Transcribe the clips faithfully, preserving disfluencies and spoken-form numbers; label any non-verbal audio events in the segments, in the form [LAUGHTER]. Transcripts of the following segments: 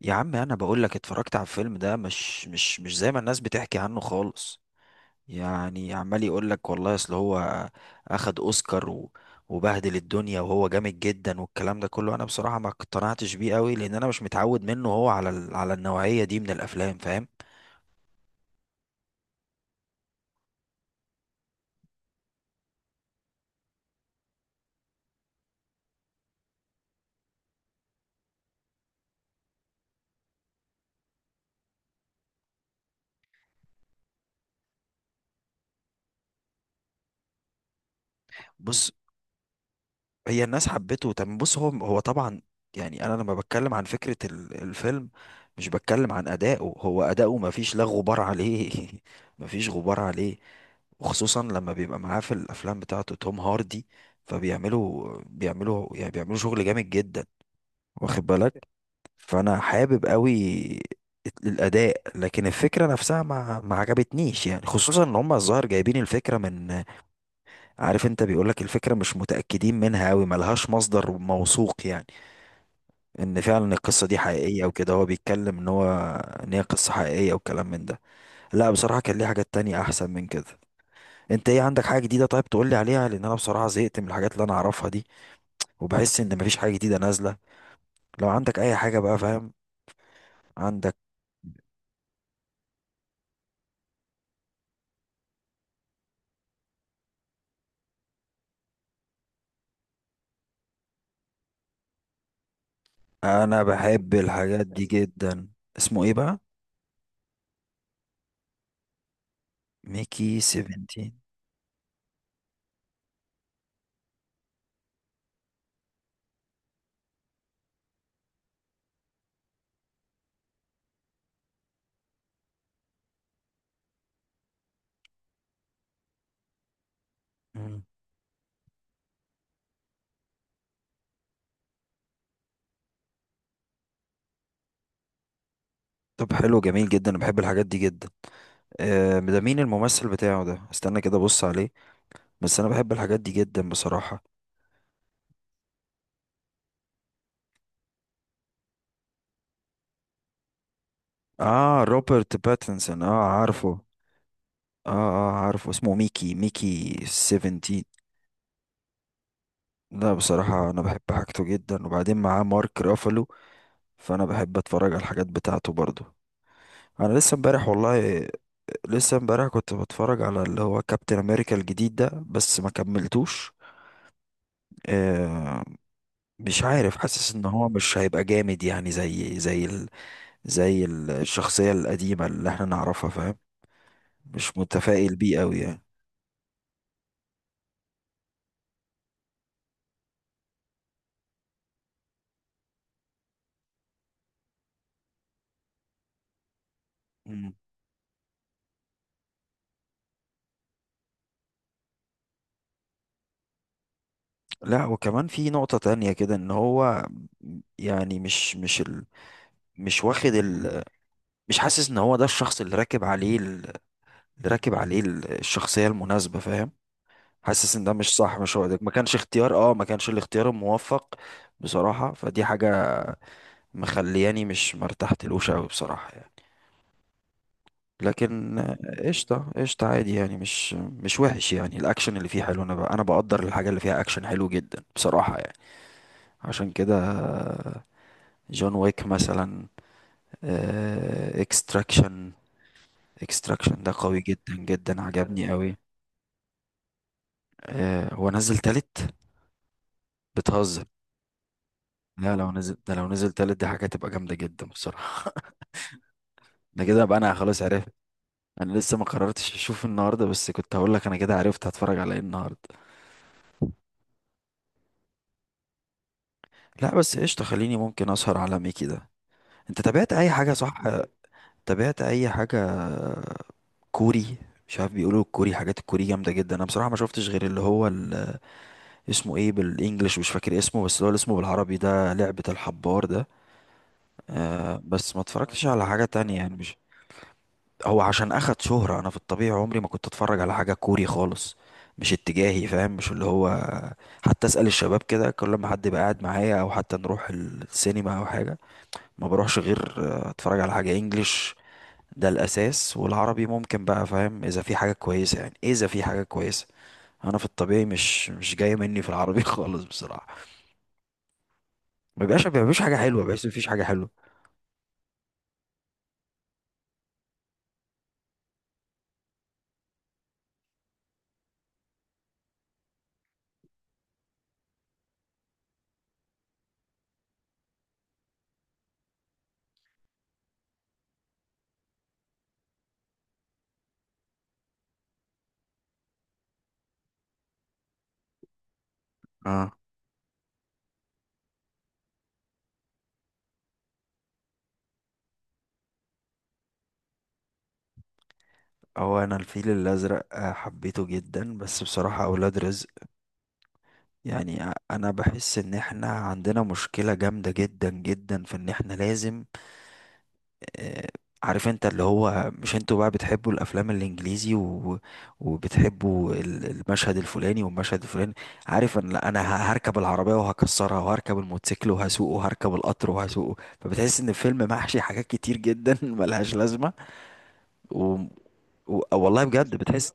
يا عم، انا بقول لك اتفرجت على الفيلم ده. مش مش مش زي ما الناس بتحكي عنه خالص. يعني عمال يقول لك والله اصل هو اخد اوسكار و- وبهدل الدنيا وهو جامد جدا، والكلام ده كله انا بصراحة ما اقتنعتش بيه قوي، لان انا مش متعود منه هو على ال- على النوعية دي من الافلام. فاهم؟ بص، هي الناس حبته. طب بص، هو هو طبعا، يعني انا لما بتكلم عن فكرة ال- الفيلم مش بتكلم عن اداؤه. هو اداؤه ما فيش لا غبار عليه [LAUGHS] ما فيش غبار عليه، وخصوصا لما بيبقى معاه في الافلام بتاعته توم هاردي، فبيعملوا بيعملوا يعني بيعملوا شغل جامد جدا. واخد بالك؟ فانا حابب قوي الاداء، لكن الفكره نفسها ما ما عجبتنيش، يعني خصوصا ان هم الظاهر جايبين الفكره من، عارف انت؟ بيقولك الفكره مش متاكدين منها قوي، ملهاش مصدر موثوق، يعني ان فعلا القصه دي حقيقيه وكده. هو بيتكلم ان هو ان هي قصه حقيقيه وكلام من ده. لا بصراحه كان ليه حاجات تانية احسن من كده. انت ايه عندك حاجة جديدة؟ طيب تقول لي عليها، لان انا بصراحة زهقت من الحاجات اللي انا اعرفها دي، وبحس ان مفيش حاجة جديدة نازلة. لو عندك اي حاجة بقى، فاهم؟ عندك؟ انا بحب الحاجات دي جدا. اسمه ايه بقى؟ ميكي سبعتاشر. مم. طب حلو، جميل جدا، انا بحب الحاجات دي جدا. آه، ده مين الممثل بتاعه ده؟ استنى كده ابص عليه. بس انا بحب الحاجات دي جدا بصراحة. اه، روبرت باتنسون، اه عارفه. اه اه عارفه اسمه ميكي، ميكي سبعتاشر. لا بصراحة أنا بحب حاجته جدا، وبعدين معاه مارك رافالو، فأنا بحب أتفرج على الحاجات بتاعته برضو. أنا لسه امبارح والله، لسه امبارح كنت بتفرج على اللي هو كابتن أمريكا الجديد ده، بس ما كملتوش. آه، مش عارف، حاسس إن هو مش هيبقى جامد، يعني زي زي ال زي ال- الشخصية القديمة اللي احنا نعرفها. فاهم؟ مش متفائل بيه أوي يعني. مم. لا وكمان في نقطة تانية كده إن هو، يعني مش مش ال مش واخد مش حاسس ان هو ده الشخص اللي راكب عليه ال- اللي راكب عليه ال- الشخصية المناسبة. فاهم؟ حاسس ان ده مش صح، مش هو ده. ما كانش اختيار، اه ما كانش الاختيار الموفق. بصراحة فدي حاجة مخلياني مش مرتحتلوش قوي بصراحة يعني، لكن آه، قشطة. قشطة عادي يعني. مش مش وحش، يعني الاكشن اللي فيه حلو. انا ب- انا بقدر الحاجة اللي فيها اكشن حلو جدا بصراحة يعني. عشان كده آه، جون ويك مثلا، آه، اكستراكشن. اكستراكشن ده قوي جدا جدا، عجبني قوي. آه، هو نزل تالت؟ بتهزر؟ لا، لو نزل ده، لو نزل تالت دي حاجة تبقى جامدة جدا بصراحة. [LAUGHS] ده كده بقى انا خلاص عرفت. انا لسه ما قررتش اشوف النهارده، بس كنت هقول لك انا كده عرفت هتفرج على ايه النهارده. لا بس قشطة، خليني ممكن اسهر على ميكي ده. انت تابعت اي حاجة؟ صح، تابعت اي حاجة كوري؟ مش عارف، بيقولوا الكوري، حاجات الكوري جامدة جدا. انا بصراحة ما شفتش غير اللي هو ال- اسمه ايه بالانجلش، مش فاكر اسمه، بس اللي هو اللي اسمه بالعربي ده لعبة الحبار ده. آه، بس ما اتفرجتش على حاجة تانية يعني، مش. هو عشان اخد شهرة. انا في الطبيعي عمري ما كنت اتفرج على حاجة كوري خالص. مش اتجاهي، فاهم؟ مش اللي هو. حتى اسأل الشباب كده، كل ما حد يبقى قاعد معايا او حتى نروح السينما او حاجة، ما بروحش غير آه، اتفرج على حاجة انجليش. ده الاساس. والعربي ممكن بقى، فاهم؟ اذا في حاجة كويسة، يعني اذا في حاجة كويسة. انا في الطبيعي مش مش جاي مني في العربي [LAUGHS] خالص بصراحة. ما بيبقاش ما بيبقاش حاجة حلوة، بحس مفيش حاجة حلوة. اه. هو انا الفيل الازرق آه، حبيته جدا، بس بصراحة اولاد رزق، يعني ع- انا بحس ان احنا عندنا مشكلة جامدة جدا جدا في ان احنا لازم آه، عارف انت اللي هو مش، انتوا بقى بتحبوا الافلام الانجليزي، و... وبتحبوا ال- المشهد الفلاني والمشهد الفلاني، عارف ان لا، انا ه- هركب العربية وهكسرها، وهركب الموتوسيكل وهسوقه، وهركب القطر وهسوقه. فبتحس ان الفيلم محشي حاجات كتير جدا [LAUGHS] ملهاش لازمة. و... و... والله بجد بتحس،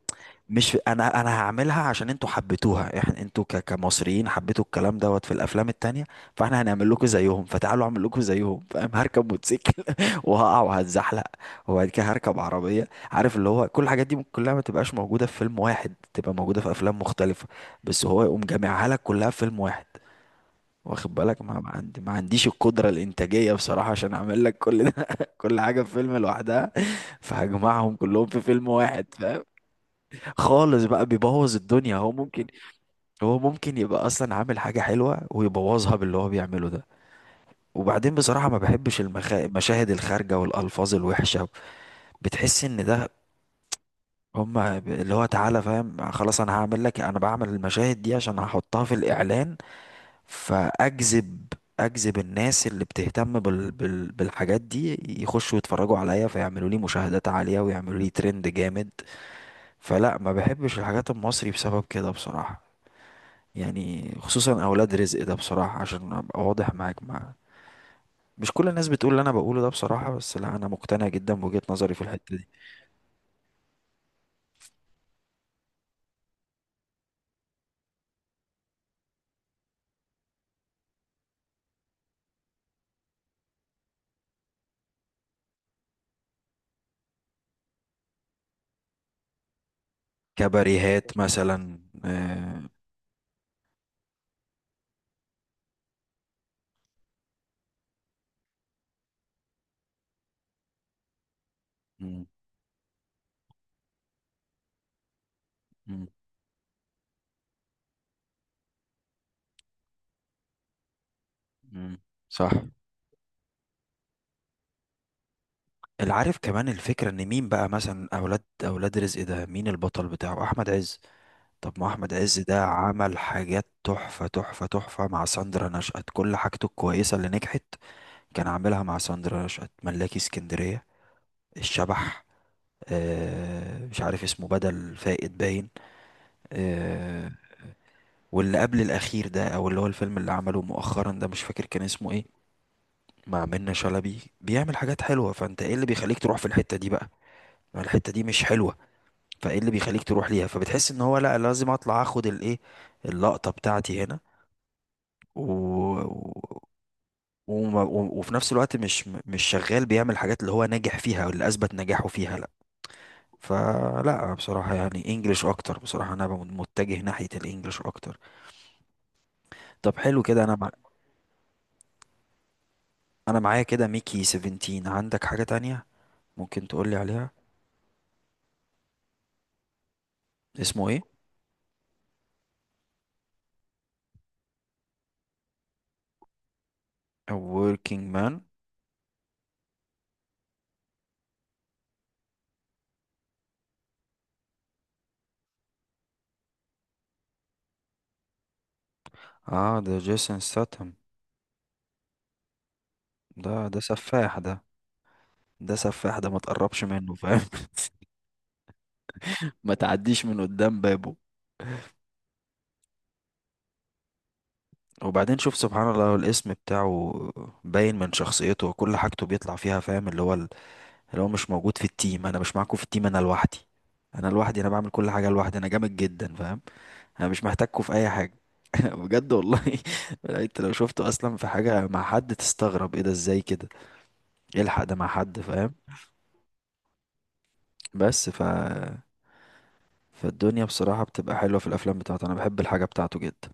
مش انا انا هعملها عشان انتوا حبيتوها. احنا انتوا ك... كمصريين حبيتوا الكلام دوت في الافلام التانية، فاحنا هنعمل لكم زيهم. فتعالوا اعمل لكم زيهم، فاهم؟ هركب موتوسيكل [LAUGHS] وهقع وهتزحلق، وبعد كده هركب عربية. عارف اللي هو كل الحاجات دي ممكن كلها ما تبقاش موجودة في فيلم واحد، تبقى موجودة في افلام مختلفة، بس هو يقوم جامعها لك كلها في فيلم واحد. واخد بالك؟ ما ما عندي ما عنديش القدرة الإنتاجية بصراحة عشان أعمل لك كل ده [LAUGHS] كل حاجة في فيلم لوحدها، فهجمعهم كلهم في فيلم واحد، فاهم؟ خالص بقى، بيبوظ الدنيا. هو ممكن، هو ممكن يبقى أصلا عامل حاجة حلوة ويبوظها باللي هو بيعمله ده. وبعدين بصراحة ما بحبش المخا... المشاهد الخارجة والألفاظ الوحشة. بتحس إن ده، هما ب- اللي هو تعالى، فاهم؟ خلاص أنا هعمل لك، أنا بعمل المشاهد دي عشان هحطها في الإعلان. فاجذب، اجذب الناس اللي بتهتم بال... بال... بالحاجات دي، يخشوا يتفرجوا عليا، فيعملوا لي مشاهدات عالية ويعملوا لي ترند جامد. فلا، ما بحبش الحاجات المصري بسبب كده بصراحة، يعني خصوصا اولاد رزق ده بصراحة. عشان ابقى واضح معاك مع، مش كل الناس بتقول اللي انا بقوله ده بصراحة، بس لا انا مقتنع جدا بوجهة نظري في الحتة دي. كباريهات مثلا. آه، مم، مم، مم، صح. العارف كمان الفكرة ان مين بقى مثلا اولاد اولاد رزق ده؟ مين البطل بتاعه؟ احمد عز. طب ما احمد عز ده عمل حاجات تحفة تحفة تحفة مع ساندرا نشأت. كل حاجته الكويسة اللي نجحت كان عاملها مع ساندرا نشأت. ملاكي اسكندرية، الشبح، آه مش عارف اسمه، بدل فائد باين، آه. واللي قبل الاخير ده او اللي هو الفيلم اللي عمله مؤخرا ده مش فاكر كان اسمه ايه، مع منة شلبي. بيعمل حاجات حلوة، فانت ايه اللي بيخليك تروح في الحتة دي بقى؟ ما الحتة دي مش حلوة. فايه اللي بيخليك تروح ليها؟ فبتحس ان هو لا، لازم اطلع اخد الايه، اللقطة بتاعتي هنا. و... و... وما- و... وفي نفس الوقت مش مش شغال بيعمل حاجات اللي هو ناجح فيها او اللي اثبت نجاحه فيها. لا، فلا بصراحة يعني انجلش اكتر بصراحة. انا ب- متجه ناحية الانجليش اكتر. طب حلو كده. انا مع... انا معايا كده ميكي سبعتاشر. عندك حاجة تانية ممكن تقولي عليها؟ اسمه ايه؟ A working man. اه ده جيسون ستاتم. ده ده سفاح ده، ده سفاح ده، ما تقربش منه، فاهم؟ ما تعديش من قدام بابه. وبعدين شوف سبحان الله، الاسم بتاعه باين من شخصيته وكل حاجته بيطلع فيها. فاهم؟ اللي هو ال- اللي هو مش موجود في التيم، انا مش معاكم في التيم، انا لوحدي، انا لوحدي، انا بعمل كل حاجه لوحدي، انا جامد جدا. فاهم؟ انا مش محتاجكم في اي حاجه. [LAUGHS] بجد والله. [LAUGHS] انت لو شفته اصلا في حاجه مع حد تستغرب، ايه ده ازاي كده يلحق ده مع حد، فاهم؟ بس ف فالدنيا بصراحه بتبقى حلوه في الافلام بتاعته، انا بحب الحاجه بتاعته جدا.